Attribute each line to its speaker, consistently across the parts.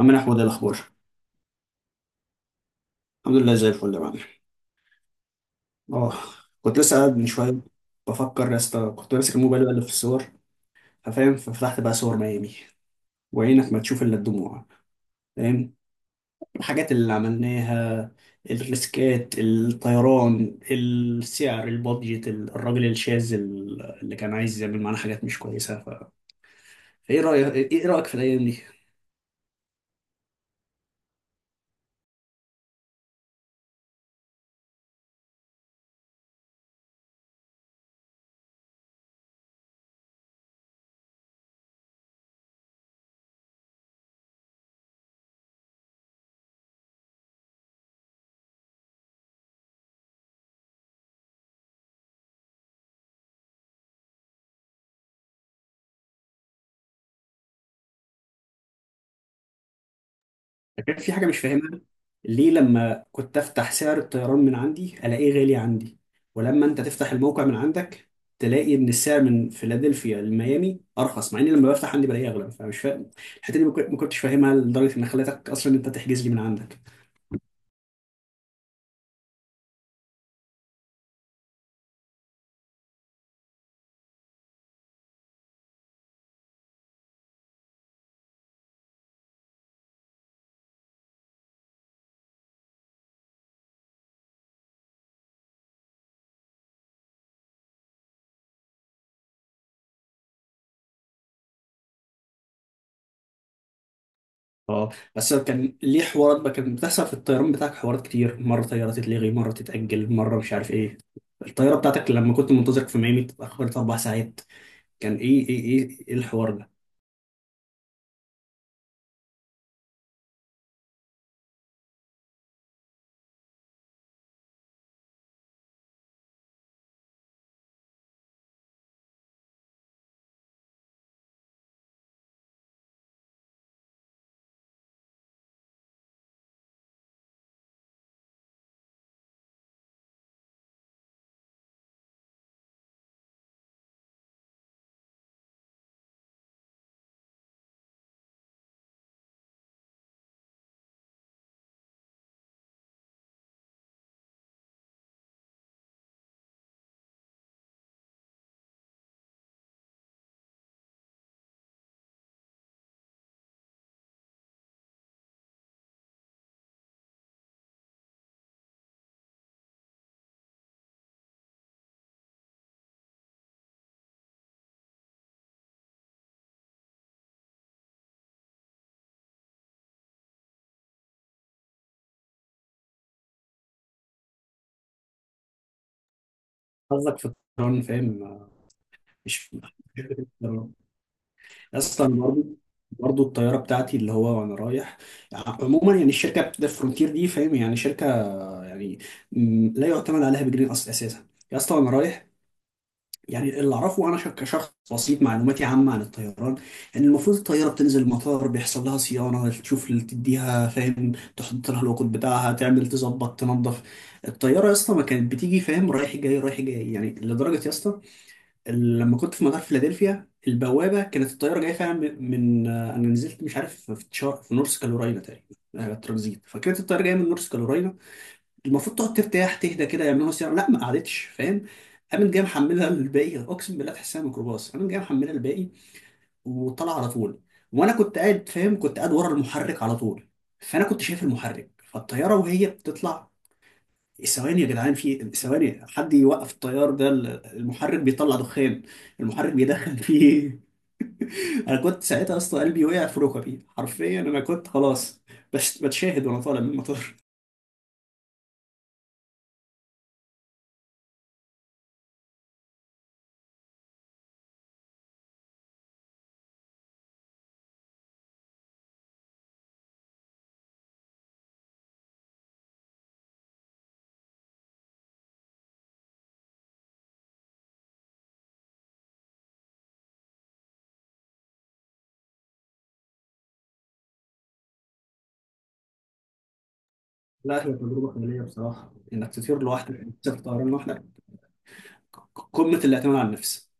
Speaker 1: عم احمد، إيه الاخبار؟ الحمد لله، زي الفل يا معلم. اه. كنت لسه قاعد من شويه بفكر يا اسطى، كنت ماسك الموبايل بقلب في الصور. ففاهم، ففتحت بقى صور ميامي، وعينك ما تشوف الا الدموع. فاهم. الحاجات اللي عملناها، الريسكات، الطيران، السعر، البادجت، الراجل الشاذ، اللي كان عايز يعمل معانا حاجات مش كويسه. فايه رايك في الايام دي؟ كان في حاجة مش فاهمها، ليه لما كنت أفتح سعر الطيران من عندي ألاقيه غالي عندي، ولما أنت تفتح الموقع من عندك تلاقي إن السعر من فيلادلفيا لميامي أرخص، مع إني لما بفتح عندي بلاقيه أغلى؟ فمش فاهم الحتة دي، ما كنتش فاهمها، لدرجة إن خلتك أصلا أنت تحجز لي من عندك. أه. بس كان ليه حوارات بقى كانت بتحصل في الطيران بتاعك، حوارات كتير، مرة طيارة تتلغي، مرة تتأجل، مرة مش عارف إيه. الطيارة بتاعتك لما كنت منتظرك في ميامي اتأخرت 4 ساعات. كان إيه الحوار ده؟ قصدك في الطيران، فاهم؟ مش في- اصلا برضو، برضو الطياره بتاعتي، اللي هو وانا رايح. عموما يعني الشركه بتاعت فرونتير دي، فاهم، يعني شركه، يعني، لا يعتمد عليها بجنيه اصلا اساسا، يا اسطى. وانا رايح، يعني اللي اعرفه انا، كشخص بسيط معلوماتي عامه عن الطيران، ان المفروض الطياره بتنزل المطار بيحصل لها صيانه، تشوف اللي تديها، فاهم، تحط لها الوقود بتاعها، تعمل تظبط، تنظف. الطياره يا اسطى ما كانت بتيجي، فاهم، رايح جاي رايح جاي، يعني لدرجه يا اسطى، لما كنت في مطار فيلادلفيا، البوابه كانت الطياره جايه فعلا انا نزلت، مش عارف، في نورث كارولاينا تقريبا، ترانزيت، فكانت الطياره جايه من نورث كارولاينا، المفروض تقعد ترتاح تهدى كده، يعملوا لها صيانه. لا، ما قعدتش، فاهم، قامت جايه محملها للباقي، اقسم بالله تحسها ميكروباص، قامت جايه محملها للباقي وطلع على طول. وانا كنت قاعد، فاهم، كنت قاعد ورا المحرك على طول، فانا كنت شايف المحرك، فالطياره وهي بتطلع ثواني، يا جدعان في ثواني حد يوقف الطيار ده، المحرك بيطلع دخان، المحرك بيدخن فيه. انا كنت ساعتها اصلا قلبي وقع في ركبي، حرفيا انا كنت خلاص، بس بتشاهد وانا طالع من المطار. لا، هي تجربة خيالية بصراحة، إنك تطير لوحدك، تسافر طيران لوحدك، قمة الاعتماد على النفس.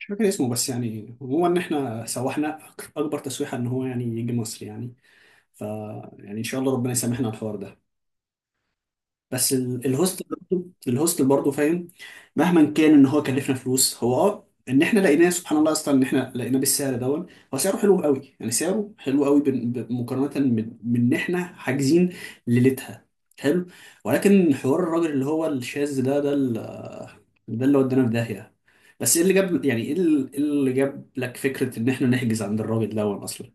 Speaker 1: مش فاكر اسمه، بس يعني هو إن إحنا سوحنا أكبر تسويحة إن هو يعني يجي مصر، يعني. ف يعني إن شاء الله ربنا يسامحنا على الحوار ده. بس الهوستل برضه، الهوستل برضه، فاهم، مهما كان ان هو كلفنا فلوس، هو ان احنا لقيناه سبحان الله، اصلا ان احنا لقيناه بالسعر دون، هو سعره حلو قوي، يعني سعره حلو قوي، مقارنه من ان احنا حاجزين ليلتها. حلو. ولكن حوار الراجل اللي هو الشاذ ده، ده اللي ودانا في داهيه. بس، ايه اللي جاب يعني ايه ال- إيه اللي جاب لك فكره ان احنا نحجز عند الراجل دون اصلا؟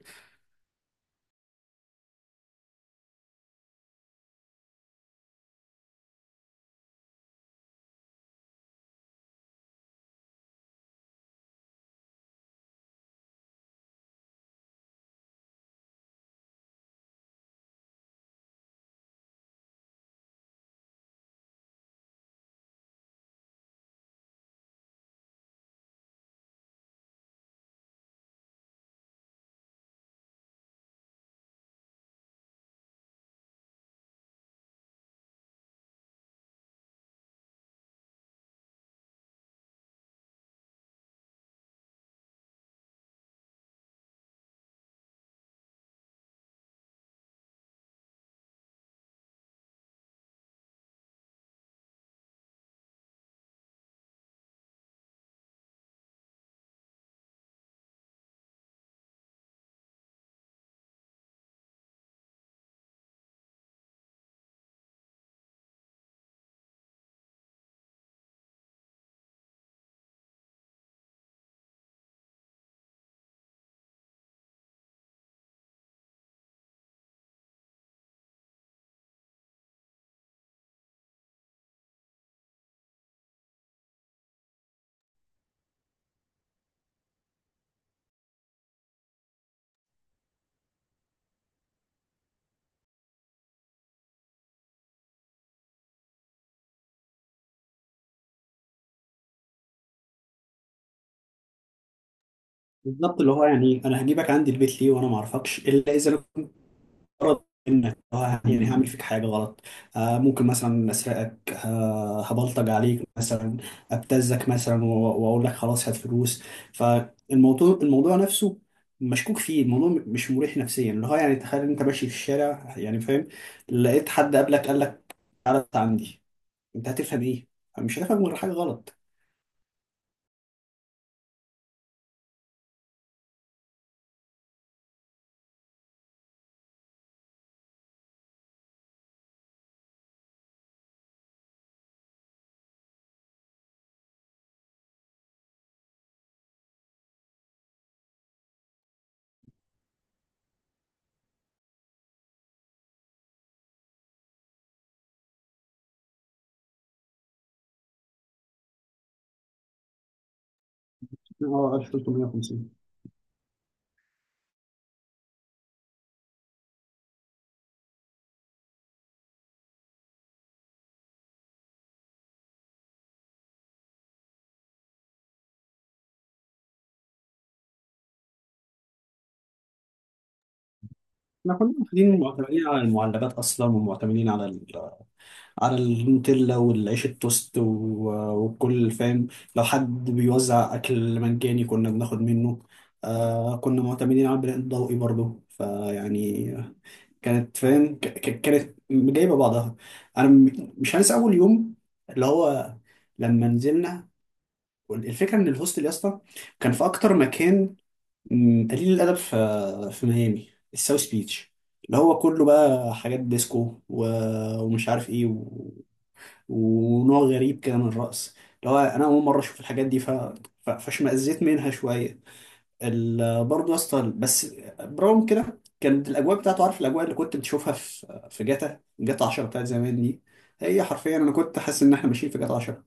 Speaker 1: بالظبط، اللي هو يعني، انا هجيبك عندي البيت ليه وانا ما اعرفكش، الا اذا غرض منك، يعني هعمل فيك حاجة غلط. آه، ممكن مثلا أسرقك، هبلطج عليك مثلا، أبتزك مثلا، وأقول لك خلاص هات فلوس. فالموضوع، نفسه مشكوك فيه، الموضوع مش مريح نفسيا. اللي هو يعني، تخيل أنت ماشي في الشارع، يعني فاهم، لقيت حد قبلك قال لك تعالى أنت عندي، أنت هتفهم إيه؟ مش هتفهم غير حاجة غلط. اه، 1350. احنا كنا واخدين، معتمدين على المعلبات اصلا، ومعتمدين على النوتيلا والعيش التوست، وكل، فاهم، لو حد بيوزع أكل مجاني كنا بناخد منه. كنا معتمدين على البناء الضوئي برضه، فيعني كانت، فاهم، كانت جايبة بعضها. أنا مش هنسى أول يوم، اللي هو لما نزلنا، الفكرة إن الهوستل يا اسطى كان في أكتر مكان، قليل الأدب، في ميامي، الساوث بيتش، اللي هو كله بقى حاجات ديسكو، ومش عارف ايه، ونوع غريب كده من الرقص، اللي هو انا اول مره اشوف الحاجات دي. فاشمئزيت منها شويه. برضه يا اسطى، بس برغم كده كانت الاجواء بتاعته، عارف الاجواء اللي كنت بتشوفها في جاتا 10 بتاعت زمان دي، هي حرفيا انا كنت حاسس ان احنا ماشيين في جاتا 10.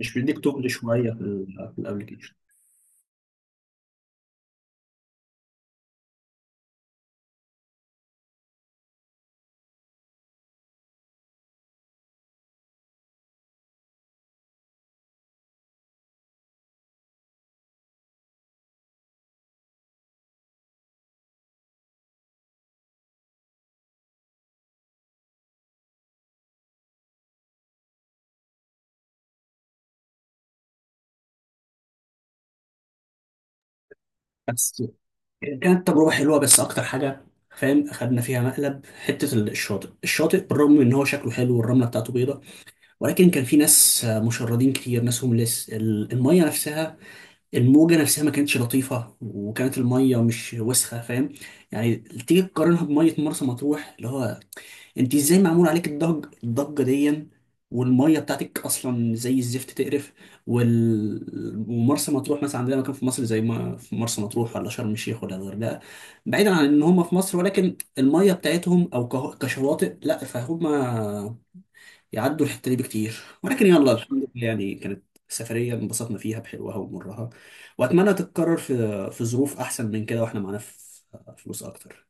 Speaker 1: مش بيديك تقل شويه، في الابلكيشن. بس كانت تجربه حلوه، بس اكتر حاجه فاهم اخدنا فيها مقلب، حته الشاطئ. الشاطئ بالرغم من ان هو شكله حلو، والرمله بتاعته بيضاء، ولكن كان في ناس مشردين كتير، ناس هومليس. المية نفسها، الموجة نفسها ما كانتش لطيفة، وكانت المية مش وسخة، فاهم، يعني تيجي تقارنها بمية مرسى مطروح، اللي هو، انت ازاي معمول عليك الضجة دي، والمية بتاعتك اصلا زي الزفت، تقرف. ومرسى مطروح مثلا، عندنا مكان في مصر زي ما في مرسى مطروح ولا شرم الشيخ ولا الغردقة، بعيدا عن ان هم في مصر، ولكن المية بتاعتهم، او كشواطئ، لا، فهم يعدوا الحته دي بكتير. ولكن يلا، الحمد لله، يعني كانت سفريه انبسطنا فيها بحلوها ومرها، واتمنى تتكرر في ظروف احسن من كده، واحنا معانا فلوس اكتر.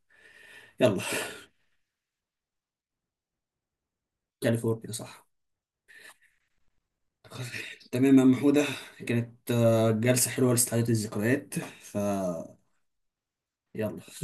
Speaker 1: يلا. كاليفورنيا، صح. تمام يا عم حودة، كانت جلسة حلوة لاستعادة الذكريات. ف يلا.